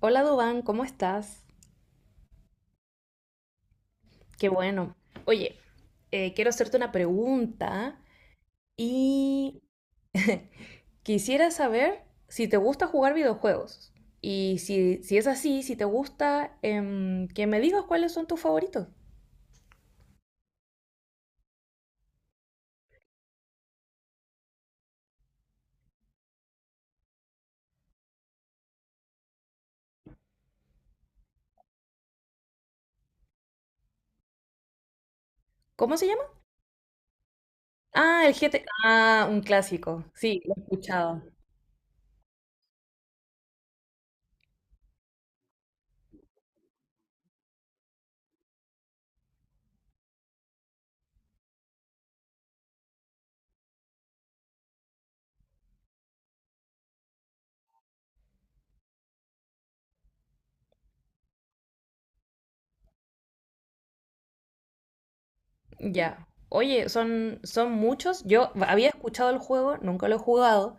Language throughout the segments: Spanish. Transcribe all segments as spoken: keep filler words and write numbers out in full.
Hola Dubán, ¿cómo estás? Qué bueno. Oye, eh, quiero hacerte una pregunta y quisiera saber si te gusta jugar videojuegos. Y si, si es así, si te gusta, em, que me digas cuáles son tus favoritos. ¿Cómo se llama? Ah, el G T. Ah, un clásico. Sí, ya. Oye, son, son muchos. Yo había escuchado el juego, nunca lo he jugado,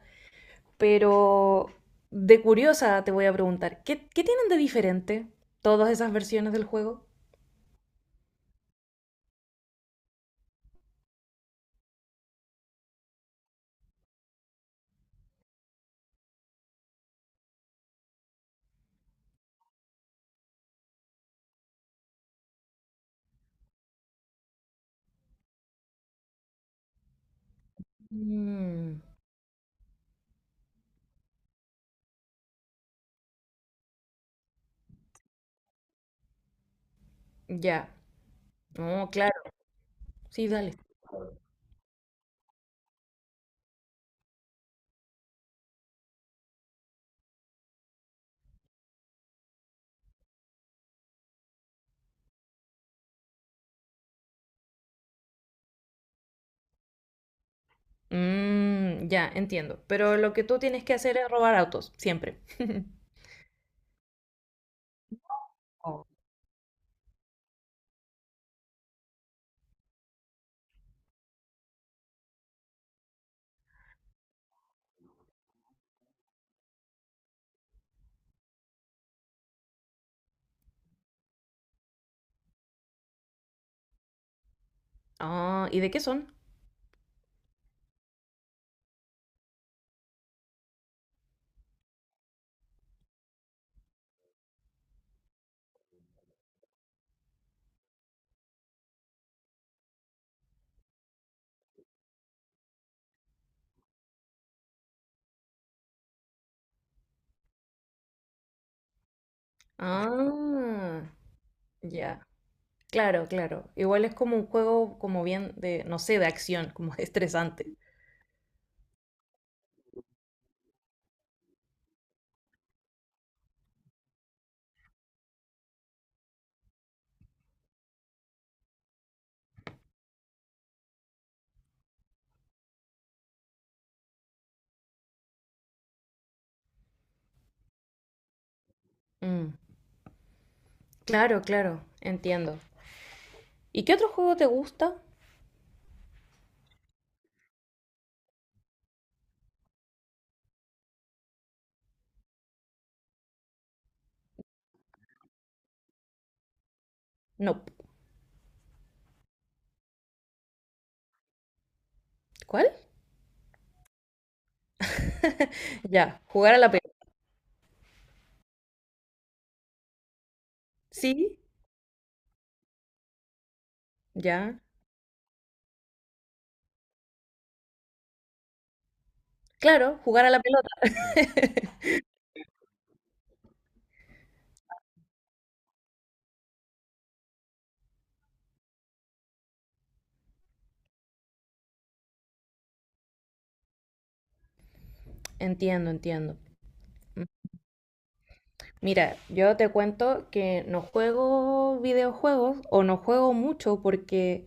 pero de curiosa te voy a preguntar, ¿qué, qué tienen de diferente todas esas versiones del juego? Mm, ya. No, claro. Sí, dale. Mm, ya, entiendo. Pero lo que tú tienes que hacer es robar autos, siempre. Ah, ¿y de qué son? Ah, ya. Claro, claro. Igual es como un juego como bien de, no sé, de acción, como estresante. Mm, claro, claro. Entiendo. ¿Y qué otro juego te gusta? No. ¿Cuál? Ya, jugar a la pelota. Sí, ya. Claro, jugar a la pelota. Entiendo, entiendo. Mira, yo te cuento que no juego videojuegos o no juego mucho porque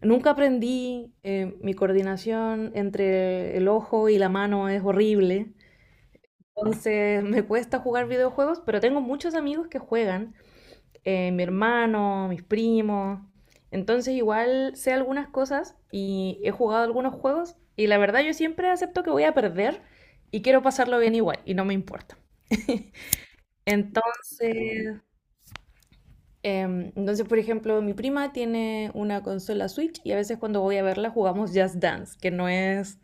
nunca aprendí, eh, mi coordinación entre el ojo y la mano es horrible. Entonces me cuesta jugar videojuegos, pero tengo muchos amigos que juegan, eh, mi hermano, mis primos. Entonces igual sé algunas cosas y he jugado algunos juegos y la verdad yo siempre acepto que voy a perder y quiero pasarlo bien igual y no me importa. Entonces, Em, entonces, por ejemplo, mi prima tiene una consola Switch y a veces cuando voy a verla jugamos Just Dance, que no es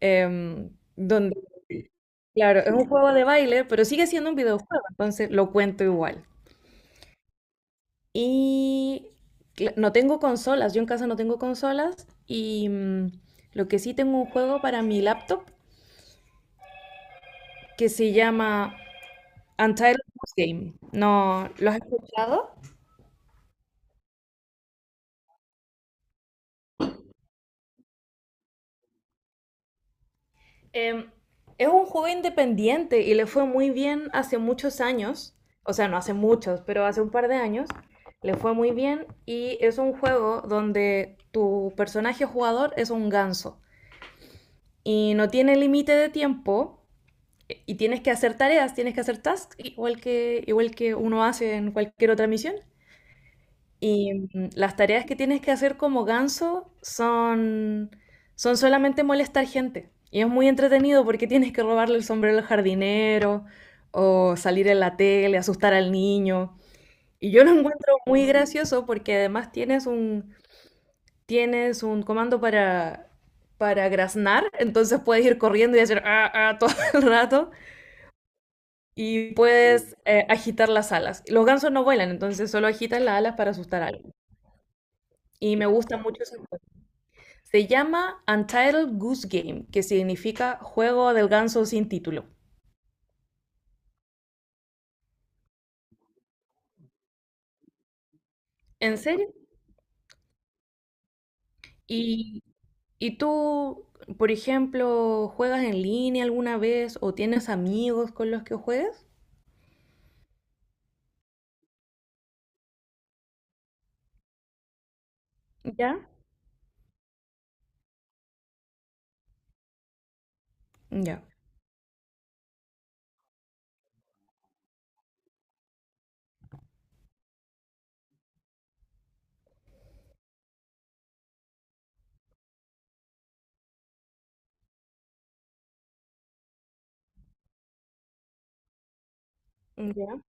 em, donde... Claro, es un juego de baile, pero sigue siendo un videojuego, entonces lo cuento igual. Y cla- no tengo consolas, yo en casa no tengo consolas y mm, lo que sí tengo un juego para mi laptop que se llama Untitled Goose Game. ¿No lo has escuchado? Em, es un juego independiente y le fue muy bien hace muchos años, o sea, no hace muchos, pero hace un par de años, le fue muy bien y es un juego donde tu personaje jugador es un ganso y no tiene límite de tiempo y tienes que hacer tareas, tienes que hacer tasks igual que, igual que uno hace en cualquier otra misión y mm, las tareas que tienes que hacer como ganso son, son solamente molestar gente. Y es muy entretenido porque tienes que robarle el sombrero al jardinero o salir en la tele, asustar al niño. Y yo lo encuentro muy gracioso porque además tienes un, tienes un comando para, para graznar, entonces puedes ir corriendo y hacer ah, ah, todo el rato y puedes eh, agitar las alas. Los gansos no vuelan, entonces solo agitan las alas para asustar a alguien. Y me gusta mucho eso. Se llama Untitled Goose Game, que significa juego del ganso sin título. ¿En serio? ¿Y, y tú, por ejemplo, juegas en línea alguna vez o tienes amigos con los que juegues? Ya. Ya. Ya.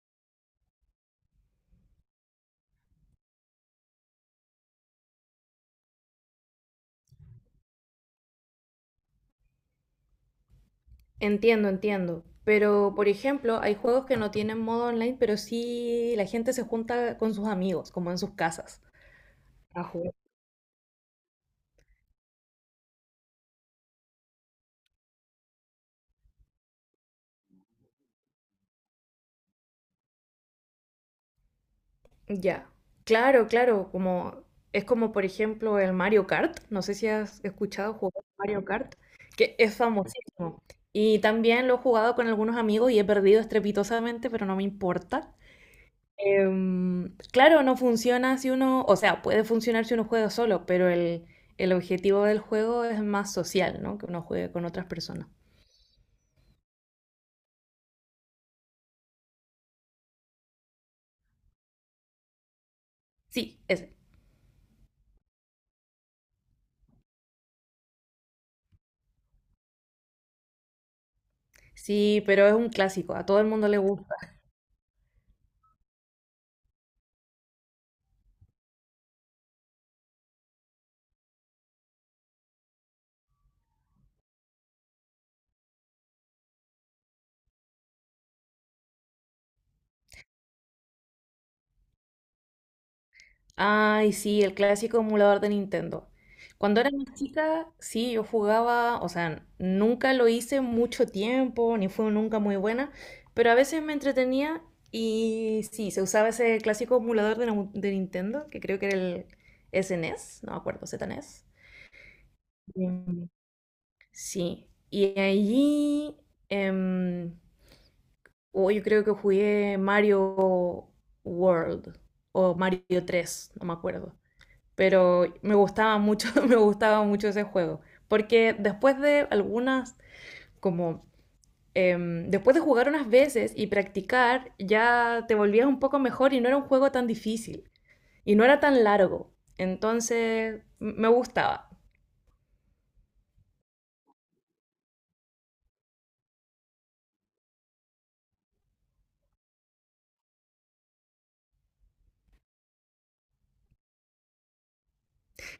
Entiendo, entiendo. Pero, por ejemplo, hay juegos que no tienen modo online, pero sí la gente se junta con sus amigos, como en sus casas. Ya. Claro, claro, como es como por ejemplo el Mario Kart, no sé si has escuchado jugar Mario Kart, que es famosísimo. Y también lo he jugado con algunos amigos y he perdido estrepitosamente, pero no me importa. Em, claro, no funciona si uno, o sea, puede funcionar si uno juega solo, pero el, el objetivo del juego es más social, ¿no? Que uno juegue con otras personas. Sí, ese. Sí, pero es un clásico, a todo el mundo le gusta. Ay, sí, el clásico emulador de Nintendo. Cuando era más chica, sí, yo jugaba, o sea, nunca lo hice mucho tiempo, ni fue nunca muy buena, pero a veces me entretenía y sí, se usaba ese clásico emulador de, Nau- de Nintendo, que creo que era el S N E S, no me acuerdo, Z N E S. Mm. Sí, y allí, em, oh, yo creo que jugué Mario World o Mario tres, no me acuerdo pero me gustaba mucho, me gustaba mucho ese juego, porque después de algunas, como em, después de jugar unas veces y practicar, ya te volvías un poco mejor y no era un juego tan difícil y no era tan largo, entonces m- me gustaba.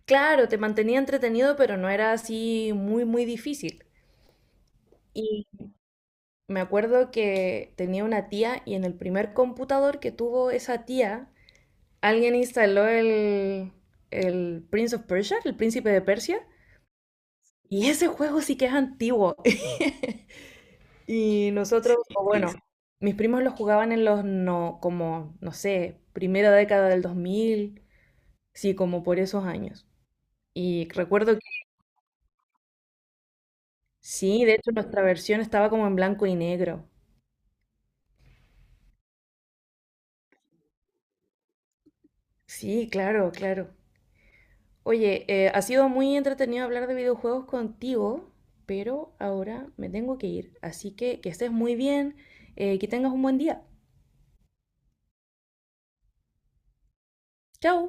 Claro, te mantenía entretenido, pero no era así muy, muy difícil. Y me acuerdo que tenía una tía y en el primer computador que tuvo esa tía, alguien instaló el, el Prince of Persia, el príncipe de Persia, y ese juego sí que es antiguo. Y nosotros, o bueno, mis primos lo jugaban en los, no, como, no sé, primera década del dos mil, sí, como por esos años. Y recuerdo que sí, de hecho nuestra versión estaba como en blanco y negro. Sí, claro, claro. Oye, eh, ha sido muy entretenido hablar de videojuegos contigo, pero ahora me tengo que ir. Así que que estés muy bien, eh, que tengas un buen día. Chao.